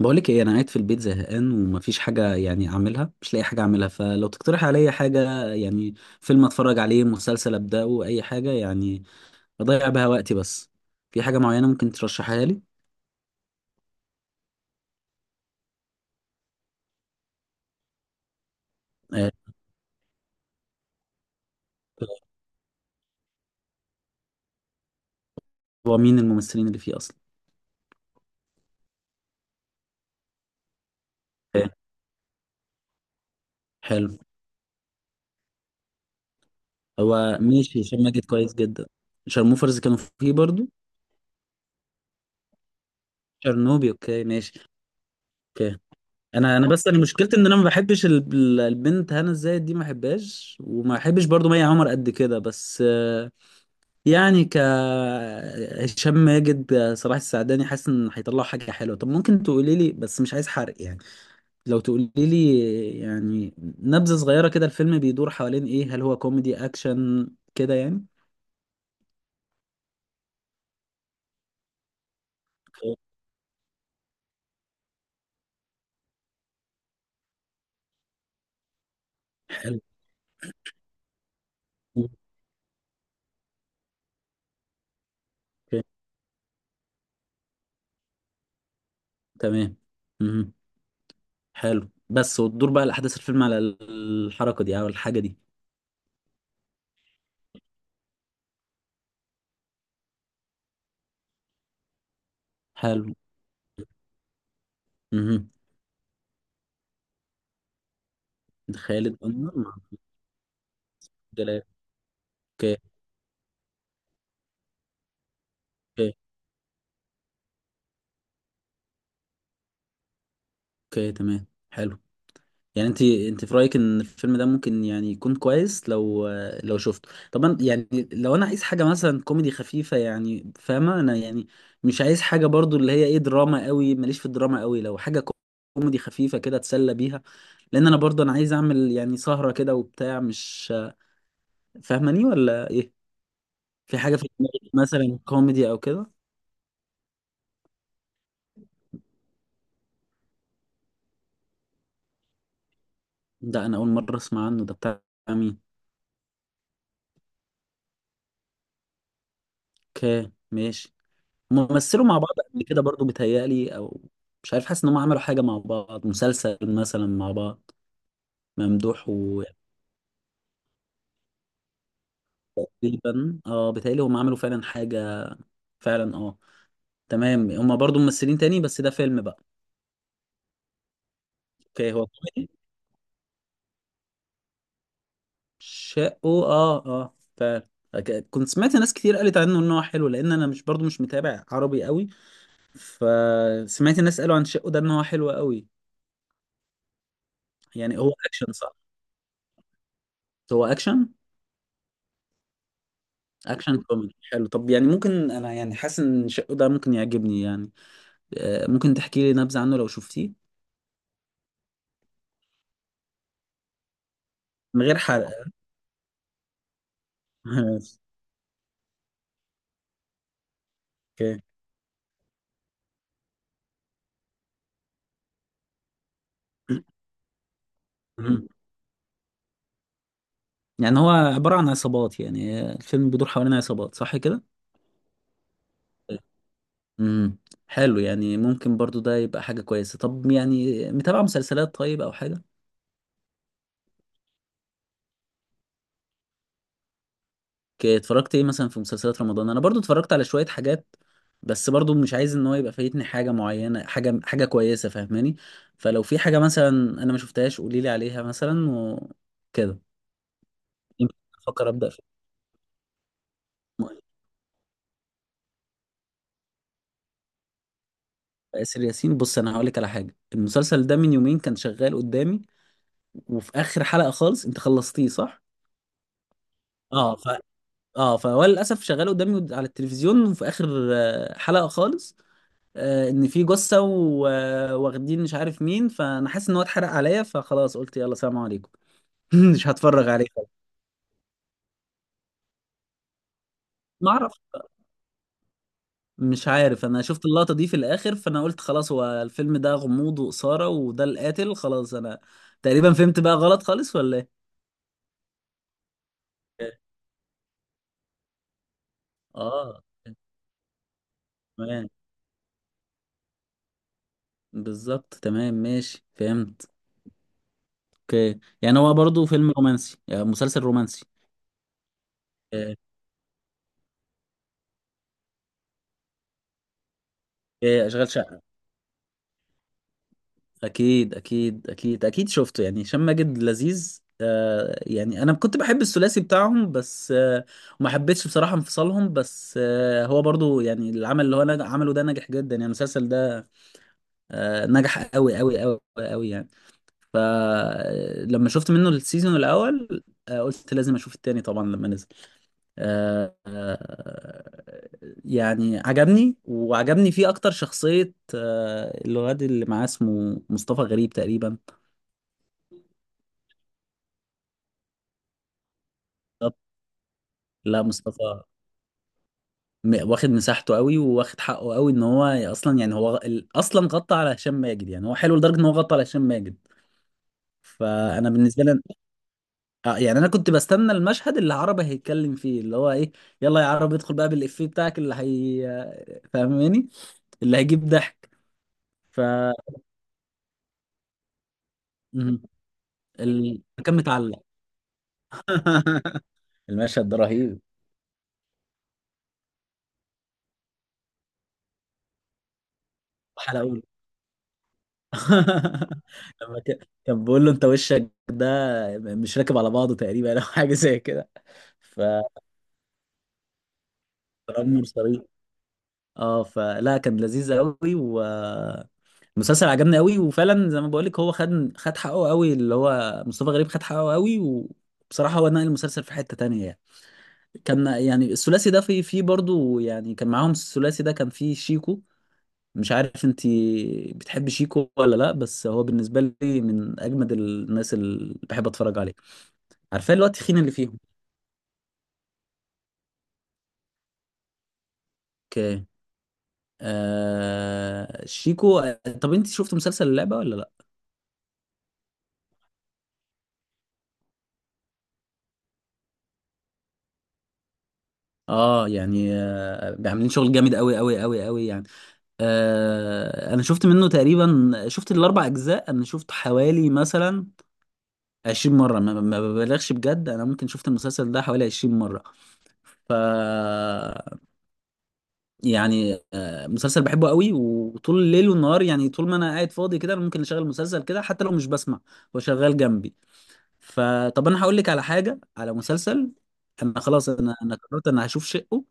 بقولك ايه، انا قاعد في البيت زهقان ومفيش حاجه يعني اعملها، مش لاقي حاجه اعملها. فلو تقترح عليا حاجه، يعني فيلم اتفرج عليه، مسلسل ابداه، اي حاجه يعني اضيع بها وقتي بس. في حاجه معينه ممكن ترشحها لي؟ آه، هو مين الممثلين اللي فيه اصلا؟ آه، حلو. هو ماشي، هشام ماجد كويس جدا. شارموفرز كانوا فيه برضو. شرنوبي، اوكي ماشي. اوكي. انا بس انا مشكلتي ان انا ما بحبش البنت هنا الزاهد دي، ما بحبهاش، وما بحبش برضو مي عمر قد كده، بس يعني هشام ماجد صلاح السعداني، حاسس ان هيطلعوا حاجه حلوه. طب ممكن تقولي لي؟ بس مش عايز حرق يعني. لو تقولي لي يعني نبذه صغيره كده، الفيلم بيدور حوالين ايه؟ هل هو كوميدي اكشن كده يعني؟ حلو. اوكي تمام. مهم. حلو، بس وتدور بقى الاحداث الفيلم على الحركه دي او الحاجه دي؟ حلو. امم. خالد انور مع عبد الجلال؟ اوكي. اوكي اوكي تمام حلو. يعني انت في رايك ان الفيلم ده ممكن يعني يكون كويس، لو شفته طبعا يعني؟ لو انا عايز حاجه مثلا كوميدي خفيفه، يعني فاهمه انا يعني، مش عايز حاجه برضو اللي هي ايه، دراما قوي، ماليش في الدراما قوي. لو حاجه كوميدي خفيفه كده اتسلى بيها، لان انا برضو انا عايز اعمل يعني سهره كده وبتاع، مش فاهماني ولا ايه؟ في حاجه في دماغك مثلا كوميدي او كده؟ ده انا اول مره اسمع عنه. ده بتاع مين؟ اوكي ماشي. ممثلوا مع بعض قبل كده برضو، بيتهيألي، او مش عارف، حاسس ان هم عملوا حاجه مع بعض، مسلسل مثلا مع بعض. ممدوح و تقريبا اه، بيتهيألي هم عملوا فعلا حاجه. فعلا اه. تمام، هم برضو ممثلين تاني، بس ده فيلم بقى. اوكي، هو كوميدي؟ شقه، اه اه فعلا. كنت سمعت ناس كتير قالت عنه ان هو حلو، لان انا مش برضو مش متابع عربي قوي. فسمعت الناس قالوا عن شقه ده ان هو حلو قوي. يعني هو اكشن صح؟ هو اكشن؟ اكشن كوميدي حلو. طب يعني ممكن، انا يعني حاسس ان شقه ده ممكن يعجبني يعني. ممكن تحكي لي نبذة عنه لو شفتيه؟ من غير حرق. ماشي. اوكي. مم. يعني هو عبارة عن عصابات يعني، الفيلم بيدور حوالين عصابات صح كده؟ امم. حلو، يعني ممكن برضو ده يبقى حاجة كويسة. طب يعني متابعة مسلسلات طيب او حاجة؟ اتفرجت ايه مثلا في مسلسلات رمضان؟ انا برضو اتفرجت على شوية حاجات، بس برضو مش عايز ان هو يبقى فايتني حاجة معينة، حاجة حاجة كويسة، فاهماني. فلو في حاجة مثلا انا ما شفتهاش قولي لي عليها مثلا وكده. يمكن افكر ابدا في آسر ياسين. بص، انا هقول لك على حاجة، المسلسل ده من يومين كان شغال قدامي، وفي اخر حلقة خالص، انت خلصتيه صح؟ اه ف اه فهو للاسف شغال قدامي على التلفزيون، وفي اخر حلقة خالص ان في جثه واخدين مش عارف مين، فانا حاسس ان هو اتحرق عليا، فخلاص قلت يلا سلام عليكم. مش هتفرج عليه خلاص. ما اعرف. مش عارف، انا شفت اللقطه دي في الاخر، فانا قلت خلاص هو الفيلم ده غموض واثاره، وده القاتل خلاص، انا تقريبا فهمت بقى غلط خالص ولا ايه؟ اه تمام. بالظبط تمام ماشي فهمت. اوكي، يعني هو برضو فيلم رومانسي، يعني مسلسل رومانسي. آه، آه، اشغال شقه. اكيد اكيد اكيد اكيد شفته، يعني هشام ماجد لذيذ. آه يعني انا كنت بحب الثلاثي بتاعهم، بس ما حبيتش بصراحة انفصالهم. بس هو برضو يعني العمل اللي هو عمله ده نجح جدا يعني المسلسل ده، نجح قوي قوي قوي قوي يعني. فلما شفت منه السيزون الاول، قلت لازم اشوف التاني طبعا لما نزل. آه آه يعني عجبني، وعجبني فيه اكتر شخصية الواد اللي معاه، اسمه مصطفى غريب تقريبا. لا، مصطفى واخد مساحته قوي، وواخد حقه قوي، ان هو اصلا يعني هو اصلا غطى على هشام ماجد. يعني هو حلو لدرجه ان هو غطى على هشام ماجد، فانا بالنسبه لي يعني انا كنت بستنى المشهد اللي عربه هيتكلم فيه، اللي هو ايه، يلا يا عربي ادخل بقى بالافيه بتاعك، اللي هي فاهماني، اللي هيجيب ضحك. ف مم. كان متعلق. المشهد ده رهيب. حلقه اولى. لما كان بيقول له انت وشك ده مش راكب على بعضه تقريبا، او حاجه زي كده. فرامي مرسلين. اه فلا، كان لذيذ قوي، والمسلسل عجبني قوي، وفعلا زي ما بقول لك، هو خد حقه قوي، اللي هو مصطفى غريب خد حقه قوي، وبصراحة هو نقل المسلسل في حتة تانية يعني. كان يعني الثلاثي ده في برضه يعني، كان معاهم الثلاثي ده، كان فيه شيكو، مش عارف انت بتحب شيكو ولا لا، بس هو بالنسبة لي من اجمد الناس اللي بحب اتفرج عليه، عارفاه، اللي هو التخين اللي فيهم. اوكي شيكو. طب انت شفت مسلسل اللعبة ولا لا؟ اه يعني عاملين شغل جامد قوي قوي قوي قوي يعني. انا شفت منه تقريبا، شفت الاربع اجزاء، انا شفت حوالي مثلا 20 مره، ما ببالغش بجد، انا ممكن شفت المسلسل ده حوالي 20 مره. ف يعني مسلسل بحبه قوي، وطول الليل والنهار يعني، طول ما انا قاعد فاضي كده، انا ممكن اشغل مسلسل كده حتى لو مش بسمع، هو شغال جنبي. فطب انا هقول لك على حاجه، على مسلسل. انا خلاص، انا قررت انا هشوف شقه.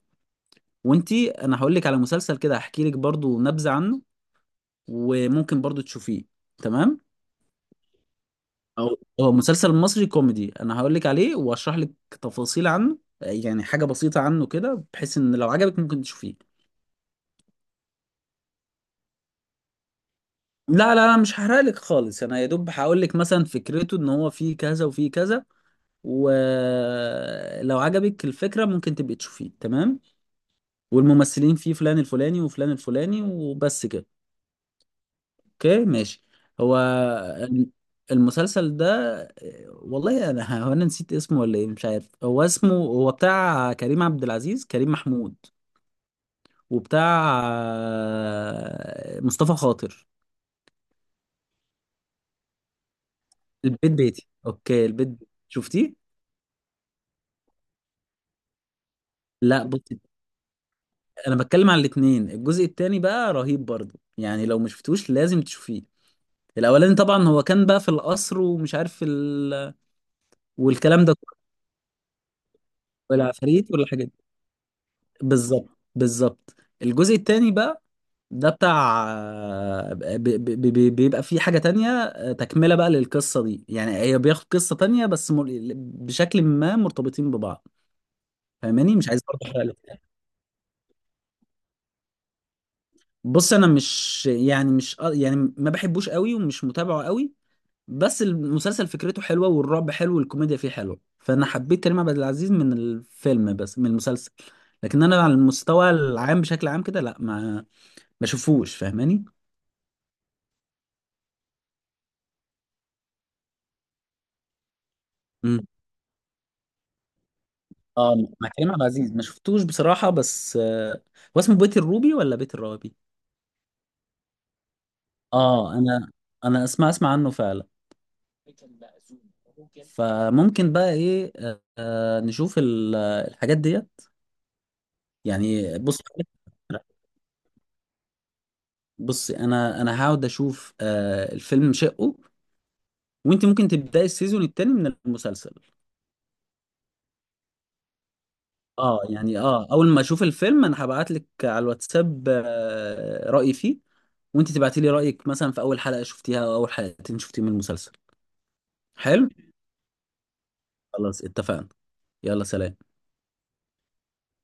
وانتي، انا هقول لك على مسلسل كده، هحكي لك برضو نبذة عنه، وممكن برضو تشوفيه. تمام. أو، هو مسلسل مصري كوميدي، انا هقول لك عليه واشرح لك تفاصيل عنه، يعني حاجة بسيطة عنه كده، بحيث ان لو عجبك ممكن تشوفيه. لا لا لا، مش هحرق لك خالص، انا يا دوب هقول لك مثلا فكرته، ان هو فيه كذا وفيه كذا، ولو عجبك الفكرة ممكن تبقي تشوفيه. تمام. والممثلين فيه فلان الفلاني وفلان الفلاني، وبس كده. اوكي ماشي. هو الم- المسلسل ده، والله انا هو انا نسيت اسمه ولا ايه، مش عارف، هو اسمه، هو بتاع كريم عبد العزيز، كريم محمود، وبتاع مصطفى خاطر. البيت بيتي، اوكي. البيت بيتي. شفتيه؟ لا بص، انا بتكلم على الاتنين. الجزء التاني بقى رهيب برضه، يعني لو ما شفتوش لازم تشوفيه. الاولاني طبعا هو كان بقى في القصر، ومش عارف والكلام ده كله. والعفاريت والحاجات. بالظبط بالظبط. الجزء التاني بقى ده بتاع بيبقى فيه حاجة تانية، تكملة بقى للقصة دي. يعني هي بياخد قصة تانية، بس بشكل ما مرتبطين ببعض، فاهماني، مش عايز برضه احرق لك. بص، انا مش يعني، مش يعني ما بحبوش قوي ومش متابعه قوي، بس المسلسل فكرته حلوة والرعب حلو والكوميديا فيه حلوة، فانا حبيت كريم عبد العزيز من الفيلم، بس من المسلسل. لكن انا على المستوى العام بشكل عام كده لا، ما بشوفوش، فاهماني. اه، مع كريم عبد العزيز ما شفتوش بصراحه، بس هو اسمه بيت الروبي ولا بيت الروبي؟ اه، انا اسمع عنه فعلا، فممكن بقى ايه نشوف الحاجات دي. يعني بص. بص انا، هقعد اشوف الفيلم شقه، وانت ممكن تبداي السيزون الثاني من المسلسل. اه يعني، اه اول ما اشوف الفيلم انا هبعت لك على الواتساب رأيي فيه. وانت تبعتي لي رأيك مثلا في اول حلقة شفتيها او اول حلقتين شفتيهم من المسلسل. حلو. خلاص اتفقنا. يلا سلام.